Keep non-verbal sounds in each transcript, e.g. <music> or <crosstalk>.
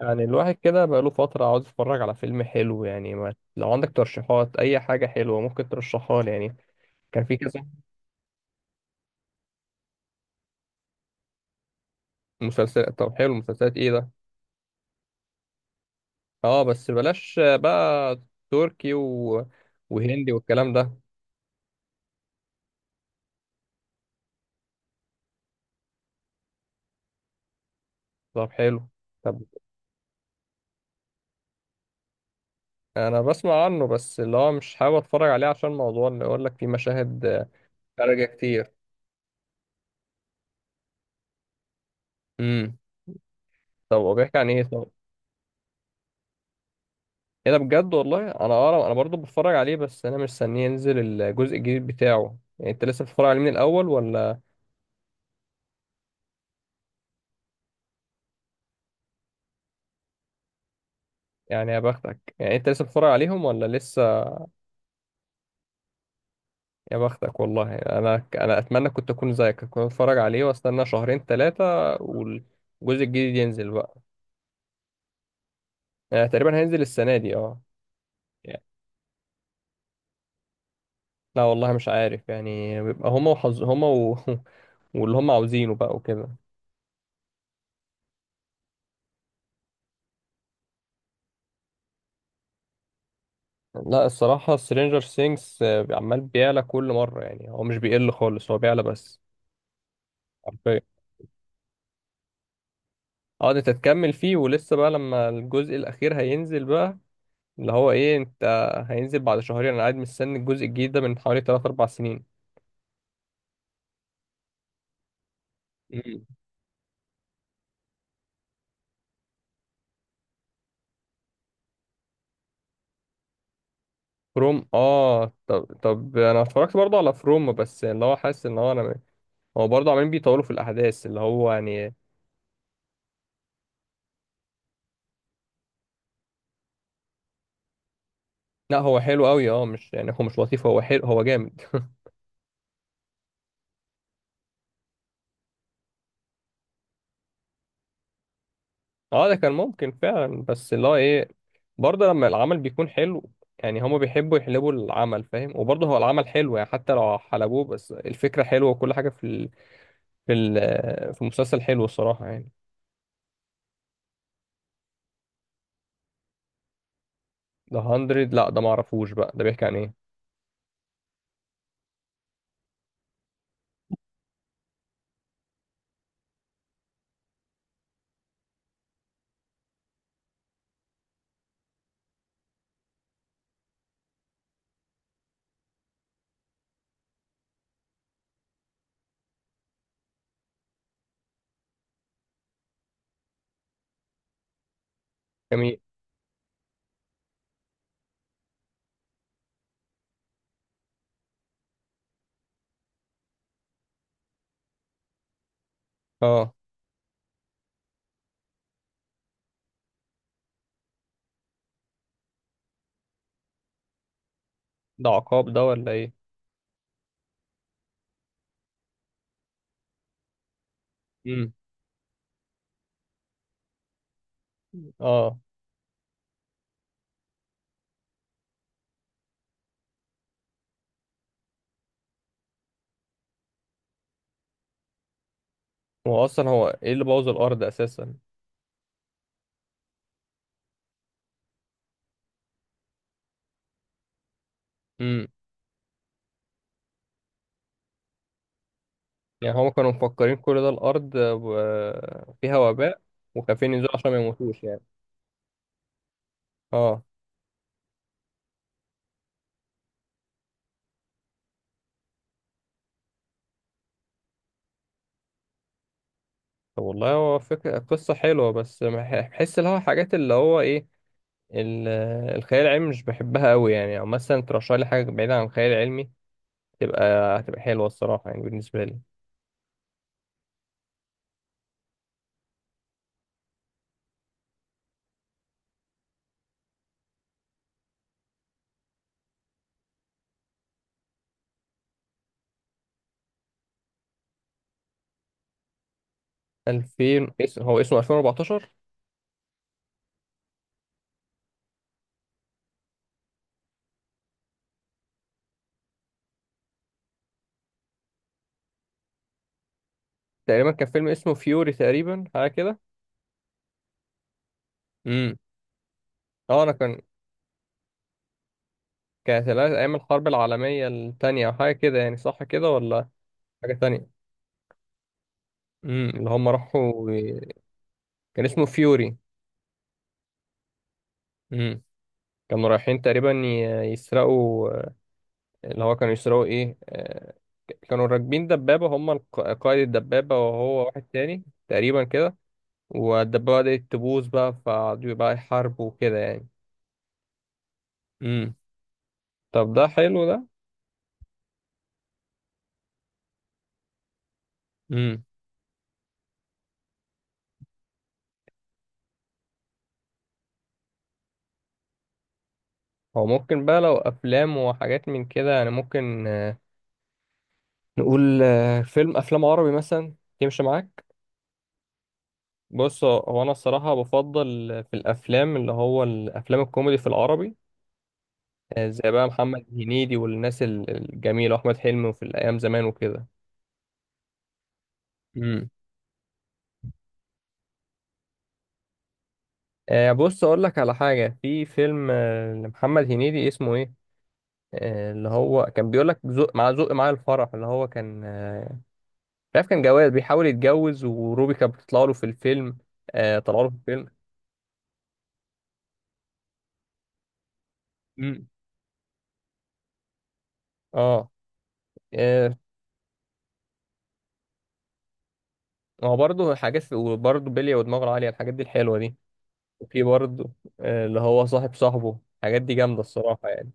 يعني الواحد كده بقاله فترة عاوز يتفرج على فيلم حلو يعني، ما لو عندك ترشيحات أي حاجة حلوة ممكن ترشحها لي يعني، كان في كذا مسلسل. طب حلو، مسلسلات إيه ده؟ أه بس بلاش بقى. تركي و... وهندي والكلام ده. طب حلو. طب أنا بسمع عنه بس اللي هو مش حابب أتفرج عليه عشان موضوع اللي يقول لك فيه مشاهد خارجة كتير. امم طب هو بيحكي عن إيه طب؟ إيه ده بجد والله؟ أنا أقرأ، أنا برضو بتفرج عليه بس أنا مستنيه ينزل الجزء الجديد بتاعه، يعني أنت لسه بتتفرج عليه من الأول ولا؟ يعني يا بختك، يعني انت لسه بتتفرج عليهم ولا لسه؟ يا بختك والله، انا اتمنى كنت اكون زيك، كنت اتفرج عليه واستنى شهرين ثلاثه والجزء الجديد ينزل بقى. يعني تقريبا هينزل السنه دي اه؟ يعني لا والله مش عارف، يعني بيبقى هما وحظ هما و... <laughs> واللي هما عاوزينه بقى وكده. لا، الصراحه سترينجر سينجز عمال بيعلى كل مره، يعني هو مش بيقل خالص، هو بيعلى بس. حرفيا. اه ده تتكمل فيه ولسه بقى، لما الجزء الاخير هينزل بقى، اللي هو ايه انت، هينزل بعد شهرين، انا قاعد مستني الجزء الجديد ده من حوالي 3 4 سنين. مم. فروم، اه، طب انا اتفرجت برضه على فروم، بس اللي هو حاسس ان هو انا، هو برضه عمالين بيطولوا في الاحداث اللي هو يعني. لا هو حلو قوي، اه مش يعني، هو مش لطيف، هو حلو، هو جامد. <laughs> اه ده كان ممكن فعلا بس اللي هو ايه، برضه لما العمل بيكون حلو، يعني هما بيحبوا يحلبوا العمل فاهم، وبرضه هو العمل حلو يعني، حتى لو حلبوه بس الفكرة حلوة وكل حاجة في المسلسل حلو الصراحة يعني. ده 100؟ لا ده ما اعرفوش بقى، ده بيحكي عن ايه؟ جميل. اه ده عقاب ده ولا ايه؟ امم اه. هو اصلا هو ايه اللي بوظ الارض اساسا؟ امم يعني هم كانوا مفكرين كل ده الارض فيها وباء، وخايفين ينزلوا عشان ما يموتوش يعني. اه. طب والله، هو فكرة قصة حلوة بس مح- بحس اللي هو حاجات اللي هو ايه، ال- الخيال العلمي مش بحبها قوي يعني، او مثلا ترشح لي حاجة بعيدة عن الخيال العلمي، تبقى هتبقى حلوة الصراحة يعني بالنسبة لي. 2000 اسم؟ هو اسمه 2014؟ تقريبا كان فيلم اسمه فيوري، تقريبا حاجه كده. امم اه، انا كان كانت الأ- ايام الحرب العالميه التانية او حاجه كده يعني، صح كده ولا حاجه تانية؟ اللي هم راحوا كان اسمه فيوري. امم كانوا رايحين تقريبا يسرقوا، اللي هو كانوا يسرقوا ايه؟ كانوا راكبين دبابه، هم قائد الدبابه وهو واحد تاني، تقريبا كده. والدبابه بدأت تبوظ بقى فقعدوا بقى يحاربوا وكده يعني. امم طب ده حلو ده. هو ممكن بقى لو افلام وحاجات من كده، يعني ممكن، نقول فيلم، افلام عربي مثلا يمشي معاك؟ بص، هو انا الصراحه بفضل في الافلام اللي هو الافلام الكوميدي في العربي، زي بقى محمد هنيدي والناس الجميله، واحمد حلمي، وفي الايام زمان وكده. امم بص اقول لك على حاجه. في فيلم لمحمد هنيدي اسمه ايه، اللي هو كان بيقول لك زق مع زق مع الفرح، اللي هو كان مش عارف كان جواز بيحاول يتجوز، وروبي كانت بتطلع له في الفيلم، آه طلع له في الفيلم. امم اه. آه، هو برضه حاجات وبرضه بلية ودماغه العالية، الحاجات دي الحلوة دي. وفي برضه، اللي هو صاحب صاحبه، الحاجات دي جامدة الصراحة يعني.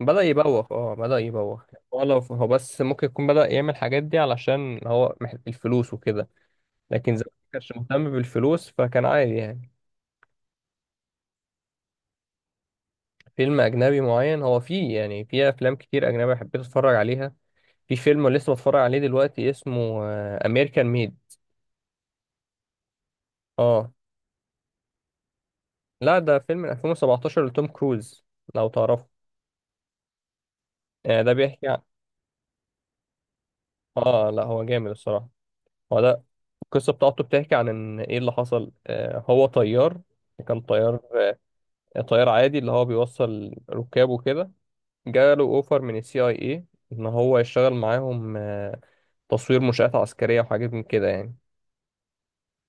بدأ يبوخ، اه بدأ يبوخ. ولا هو، لو هو بس ممكن يكون بدأ يعمل الحاجات دي علشان هو محتاج الفلوس وكده، لكن زمان ما كانش مهتم بالفلوس فكان عادي يعني. فيلم أجنبي معين؟ هو فيه يعني فيه أفلام كتير أجنبي حبيت أتفرج عليها. في فيلم لسه بتفرج عليه دلوقتي اسمه امريكان ميد. اه، لا ده فيلم من 2017 لتوم كروز، لو تعرفه. ده بيحكي عن، اه لا هو جامد الصراحة. هو ده. القصة بتاعته بتحكي عن ان ايه اللي حصل، آه هو طيار، كان طيار، طيار عادي اللي هو بيوصل ركاب وكده. جاله اوفر من السي اي اي ان هو يشتغل معاهم، آه، تصوير منشآت عسكرية وحاجات من كده يعني.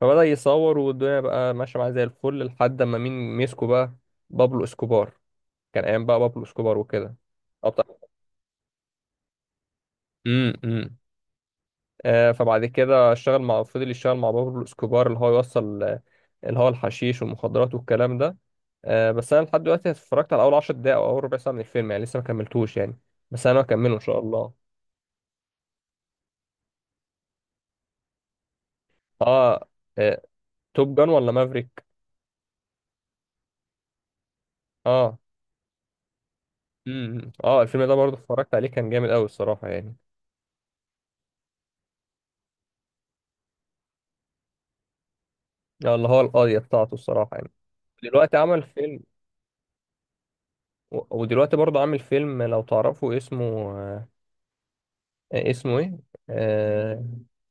فبدأ يصور والدنيا بقى ماشية معاه زي الفل، لحد ما مين مسكه بقى؟ بابلو اسكوبار، كان ايام بقى بابلو اسكوبار وكده. أبطأ. امم امم فبعد كده اشتغل مع، فضل يشتغل مع بابلو اسكوبار اللي هو يوصل اللي هو الحشيش والمخدرات والكلام ده. بس انا لحد دلوقتي اتفرجت على اول 10 دقايق او اول ربع ساعه من الفيلم يعني، لسه ما كملتوش يعني، بس انا هكمله ان شاء الله. اه, آه، توب جان ولا مافريك؟ اه. اه الفيلم ده برضه اتفرجت عليه، كان جامد قوي الصراحه يعني، اللي هو القضيه بتاعته الصراحه يعني. دلوقتي عمل فيلم، و- ودلوقتي برضه عامل فيلم لو تعرفوا اسمه، اسمه ايه، آه،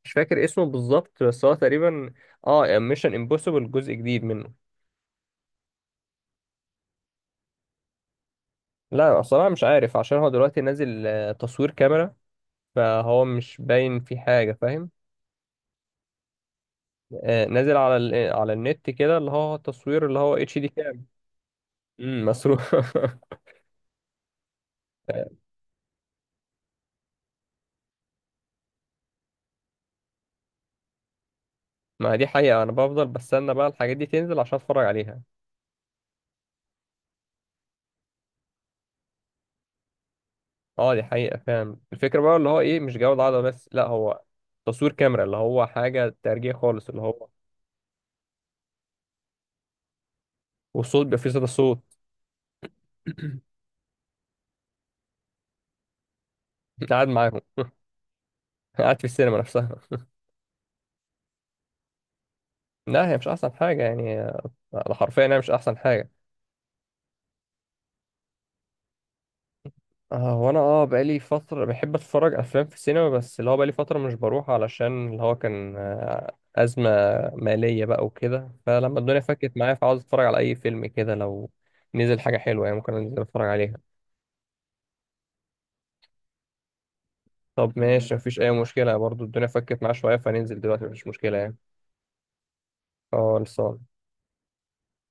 مش فاكر اسمه بالظبط بس هو تقريبا، اه، ميشن امبوسيبل جزء جديد منه. لا اصلا مش عارف عشان هو دلوقتي نازل تصوير كاميرا، فهو مش باين في حاجه فاهم. نازل على النت كده، اللي هو تصوير، اللي هو اتش دي كام. مصروف <laughs> ما دي حقيقه، انا بفضل بستنى بقى الحاجات دي تنزل عشان اتفرج عليها. اه دي حقيقه، فاهم الفكره بقى اللي هو ايه، مش جوده عاليه بس، لا هو تصوير كاميرا اللي هو حاجه ترجيع خالص اللي هو، والصوت بيبقى فيه صدى صوت. <clears throat> قاعد معاهم، قاعد في السينما نفسها. لا هي مش احسن حاجه يعني، انا حرفيا انا مش احسن حاجه. آه وانا اه بقالي فتره بحب اتفرج افلام في السينما، بس اللي هو بقالي فتره مش بروح علشان اللي هو كان ازمه ماليه بقى وكده، فلما الدنيا فكت معايا فعاوز اتفرج على اي فيلم كده لو نزل حاجه حلوه يعني، ممكن انزل اتفرج عليها. طب ماشي مفيش اي مشكله برضو، الدنيا فكت معايا شويه فننزل دلوقتي مفيش مشكله يعني. اه لسه